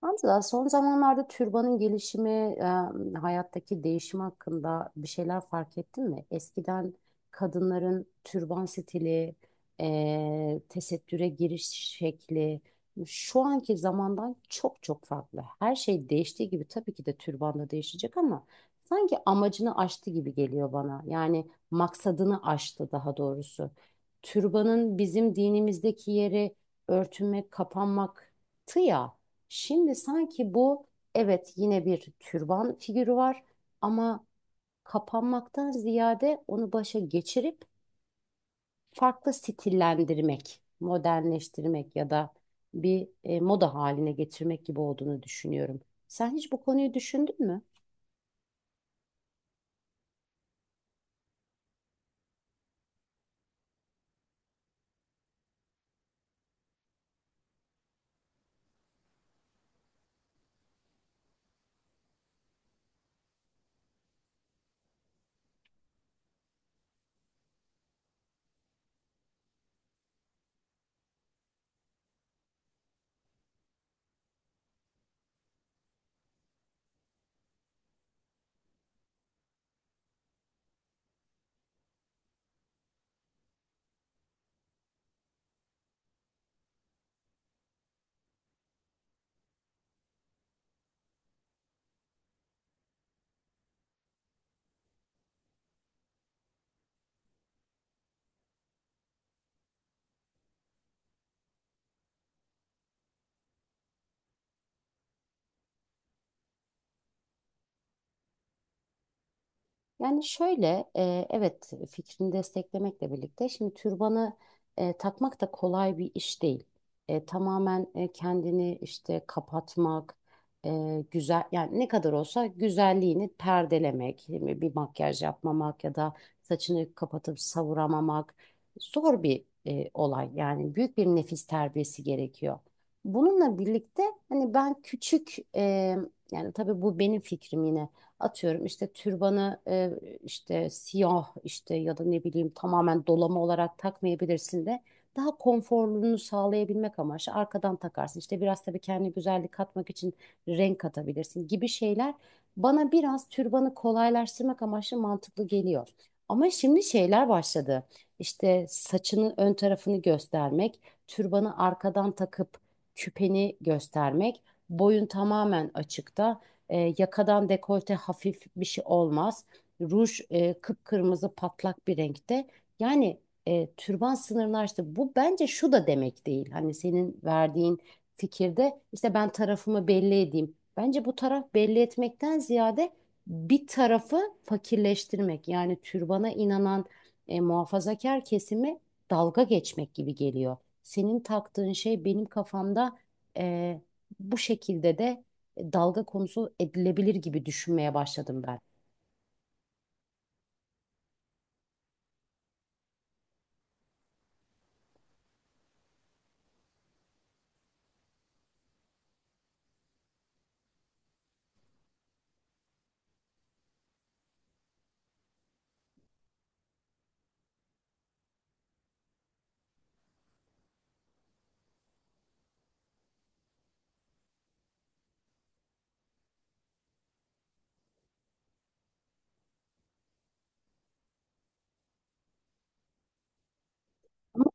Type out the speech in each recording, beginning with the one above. Hamza, son zamanlarda türbanın gelişimi, hayattaki değişim hakkında bir şeyler fark ettin mi? Eskiden kadınların türban stili, tesettüre giriş şekli şu anki zamandan çok çok farklı. Her şey değiştiği gibi tabii ki de türban da değişecek ama sanki amacını aştı gibi geliyor bana. Yani maksadını aştı daha doğrusu. Türbanın bizim dinimizdeki yeri örtünmek, kapanmaktı ya. Şimdi sanki bu, evet, yine bir türban figürü var ama kapanmaktan ziyade onu başa geçirip farklı stillendirmek, modernleştirmek ya da bir moda haline getirmek gibi olduğunu düşünüyorum. Sen hiç bu konuyu düşündün mü? Yani şöyle, evet, fikrini desteklemekle birlikte şimdi türbanı takmak da kolay bir iş değil. Tamamen kendini işte kapatmak, güzel, yani ne kadar olsa güzelliğini perdelemek, değil mi? Bir makyaj yapmamak ya da saçını kapatıp savuramamak zor bir olay. Yani büyük bir nefis terbiyesi gerekiyor. Bununla birlikte hani ben küçük yani tabii bu benim fikrim yine. Atıyorum işte türbanı işte siyah işte ya da ne bileyim, tamamen dolama olarak takmayabilirsin de daha konforluluğunu sağlayabilmek amaçlı arkadan takarsın. İşte biraz tabii kendi güzellik katmak için renk katabilirsin gibi şeyler bana biraz türbanı kolaylaştırmak amaçlı mantıklı geliyor. Ama şimdi şeyler başladı. İşte saçının ön tarafını göstermek, türbanı arkadan takıp küpeni göstermek, boyun tamamen açıkta. Yakadan dekolte hafif bir şey olmaz. Ruj kıpkırmızı patlak bir renkte. Yani türban sınırını aştı. Bu bence şu da demek değil. Hani senin verdiğin fikirde işte ben tarafımı belli edeyim. Bence bu taraf belli etmekten ziyade bir tarafı fakirleştirmek. Yani türbana inanan muhafazakar kesimi dalga geçmek gibi geliyor. Senin taktığın şey benim kafamda e, bu şekilde de dalga konusu edilebilir gibi düşünmeye başladım ben. Ama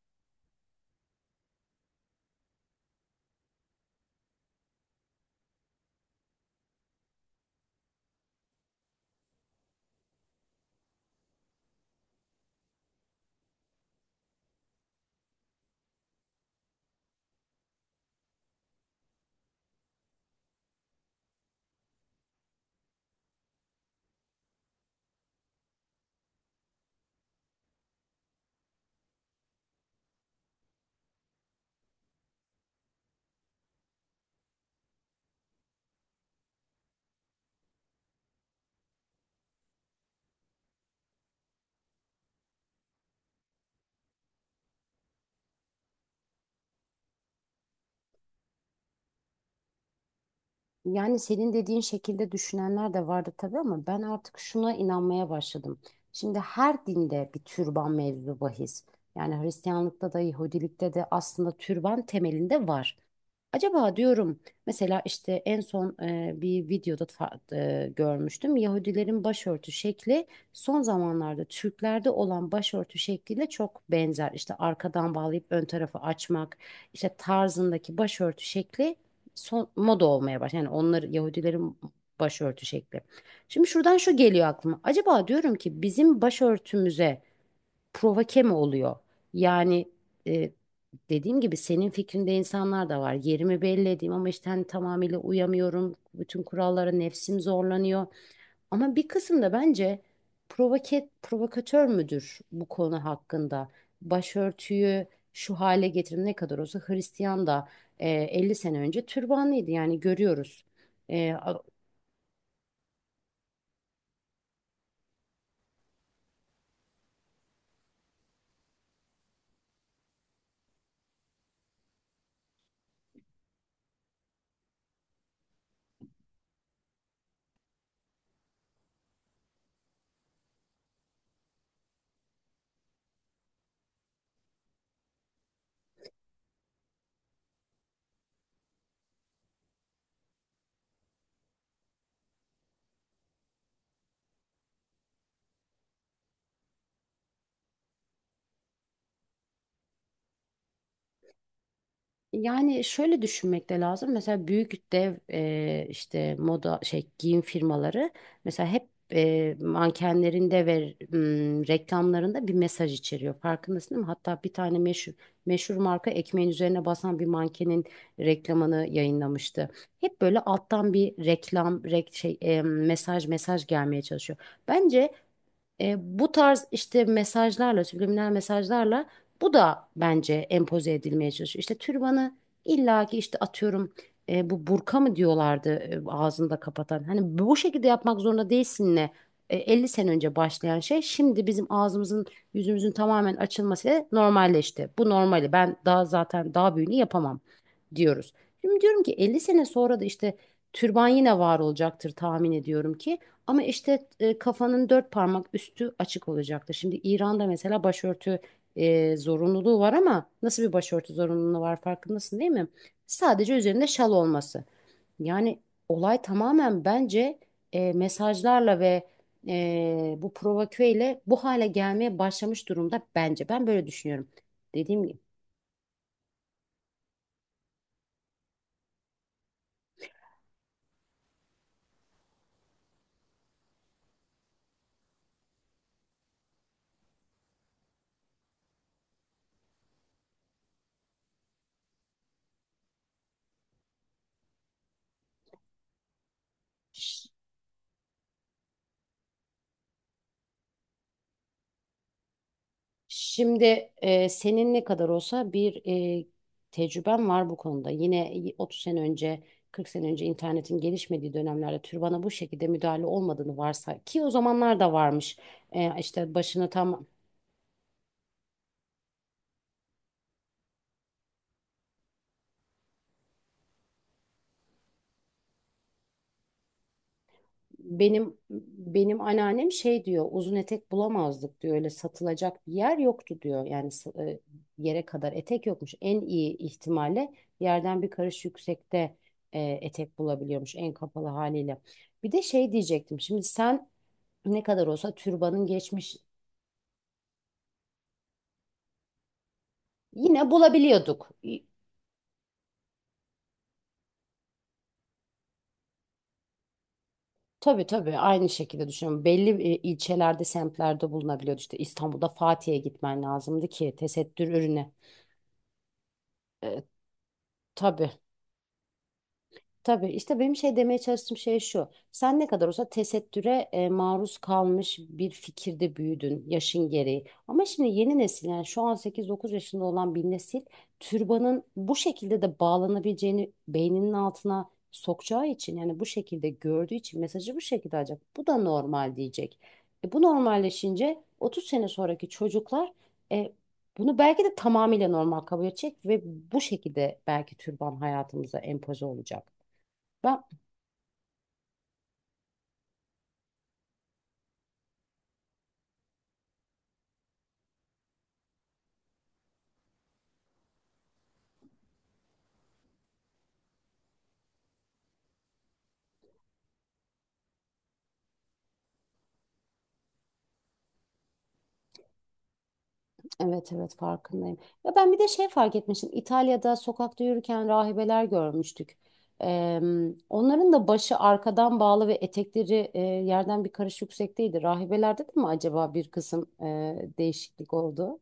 yani senin dediğin şekilde düşünenler de vardı tabii, ama ben artık şuna inanmaya başladım. Şimdi her dinde bir türban mevzu bahis. Yani Hristiyanlıkta da Yahudilikte de aslında türban temelinde var. Acaba diyorum, mesela işte en son bir videoda görmüştüm. Yahudilerin başörtü şekli son zamanlarda Türklerde olan başörtü şekliyle çok benzer. İşte arkadan bağlayıp ön tarafı açmak, işte tarzındaki başörtü şekli son moda olmaya başladı. Yani onlar Yahudilerin başörtü şekli. Şimdi şuradan şu geliyor aklıma. Acaba diyorum ki bizim başörtümüze provoke mi oluyor? Yani e, dediğim gibi senin fikrinde insanlar da var. Yerimi belli edeyim ama işte hani tamamıyla uyamıyorum. Bütün kurallara nefsim zorlanıyor. Ama bir kısım da bence provokatör müdür bu konu hakkında? Başörtüyü şu hale getirin, ne kadar olsa Hristiyan da 50 sene önce türbanlıydı, yani görüyoruz. E, Yani şöyle düşünmek de lazım. Mesela büyük dev işte moda şey giyim firmaları mesela hep mankenlerinde ve reklamlarında bir mesaj içeriyor. Farkındasın değil mi? Hatta bir tane meşhur marka ekmeğin üzerine basan bir mankenin reklamını yayınlamıştı. Hep böyle alttan bir reklam, rek, şey e, mesaj mesaj gelmeye çalışıyor. Bence bu tarz işte mesajlarla, subliminal mesajlarla bu da bence empoze edilmeye çalışıyor. İşte türbanı illaki işte atıyorum bu burka mı diyorlardı ağzında kapatan. Hani bu şekilde yapmak zorunda değilsin ne? 50 sene önce başlayan şey, şimdi bizim ağzımızın yüzümüzün tamamen açılması normalleşti. Bu normali ben daha, zaten daha büyüğünü yapamam diyoruz. Şimdi diyorum ki 50 sene sonra da işte türban yine var olacaktır tahmin ediyorum ki. Ama işte kafanın dört parmak üstü açık olacaktır. Şimdi İran'da mesela başörtü zorunluluğu var ama nasıl bir başörtü zorunluluğu var farkındasın değil mi? Sadece üzerinde şal olması. Yani olay tamamen bence mesajlarla ve bu provokeyle bu hale gelmeye başlamış durumda bence. Ben böyle düşünüyorum. Dediğim gibi. Şimdi senin ne kadar olsa bir e, tecrüben var bu konuda. Yine 30 sene önce, 40 sene önce internetin gelişmediği dönemlerde türbana bu şekilde müdahale olmadığını varsa ki o zamanlar da varmış. İşte başını tam. Benim anneannem şey diyor, uzun etek bulamazdık diyor, öyle satılacak bir yer yoktu diyor, yani yere kadar etek yokmuş, en iyi ihtimalle yerden bir karış yüksekte etek bulabiliyormuş en kapalı haliyle. Bir de şey diyecektim, şimdi sen ne kadar olsa türbanın geçmiş, yine bulabiliyorduk. Tabii tabii, aynı şekilde düşünüyorum, belli ilçelerde semtlerde bulunabiliyordu, işte İstanbul'da Fatih'e gitmen lazımdı ki tesettür ürüne. E, tabii. Tabii işte benim şey demeye çalıştığım şey şu. Sen ne kadar olsa tesettüre maruz kalmış bir fikirde büyüdün yaşın gereği. Ama şimdi yeni nesil, yani şu an sekiz, dokuz yaşında olan bir nesil türbanın bu şekilde de bağlanabileceğini beyninin altına sokacağı için, yani bu şekilde gördüğü için mesajı bu şekilde alacak. Bu da normal diyecek. Bu normalleşince 30 sene sonraki çocuklar e, bunu belki de tamamıyla normal kabul edecek ve bu şekilde belki türban hayatımıza empoze olacak. Ben, evet, evet, farkındayım. Ya ben bir de şey fark etmiştim. İtalya'da sokakta yürürken rahibeler görmüştük. Eee, onların da başı arkadan bağlı ve etekleri yerden bir karış yüksekteydi. Rahibelerde de mi acaba bir kısım değişiklik oldu?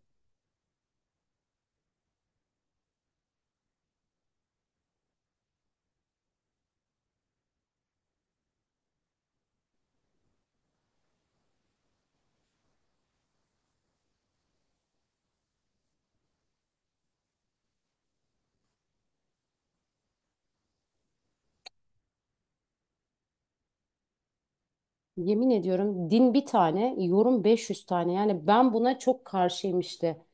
Yemin ediyorum, din bir tane, yorum 500 tane. Yani ben buna çok karşıyım işte.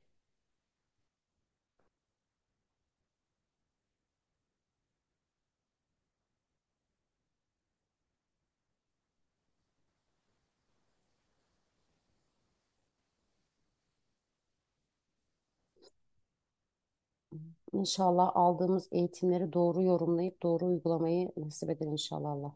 İnşallah aldığımız eğitimleri doğru yorumlayıp doğru uygulamayı nasip eder inşallah Allah.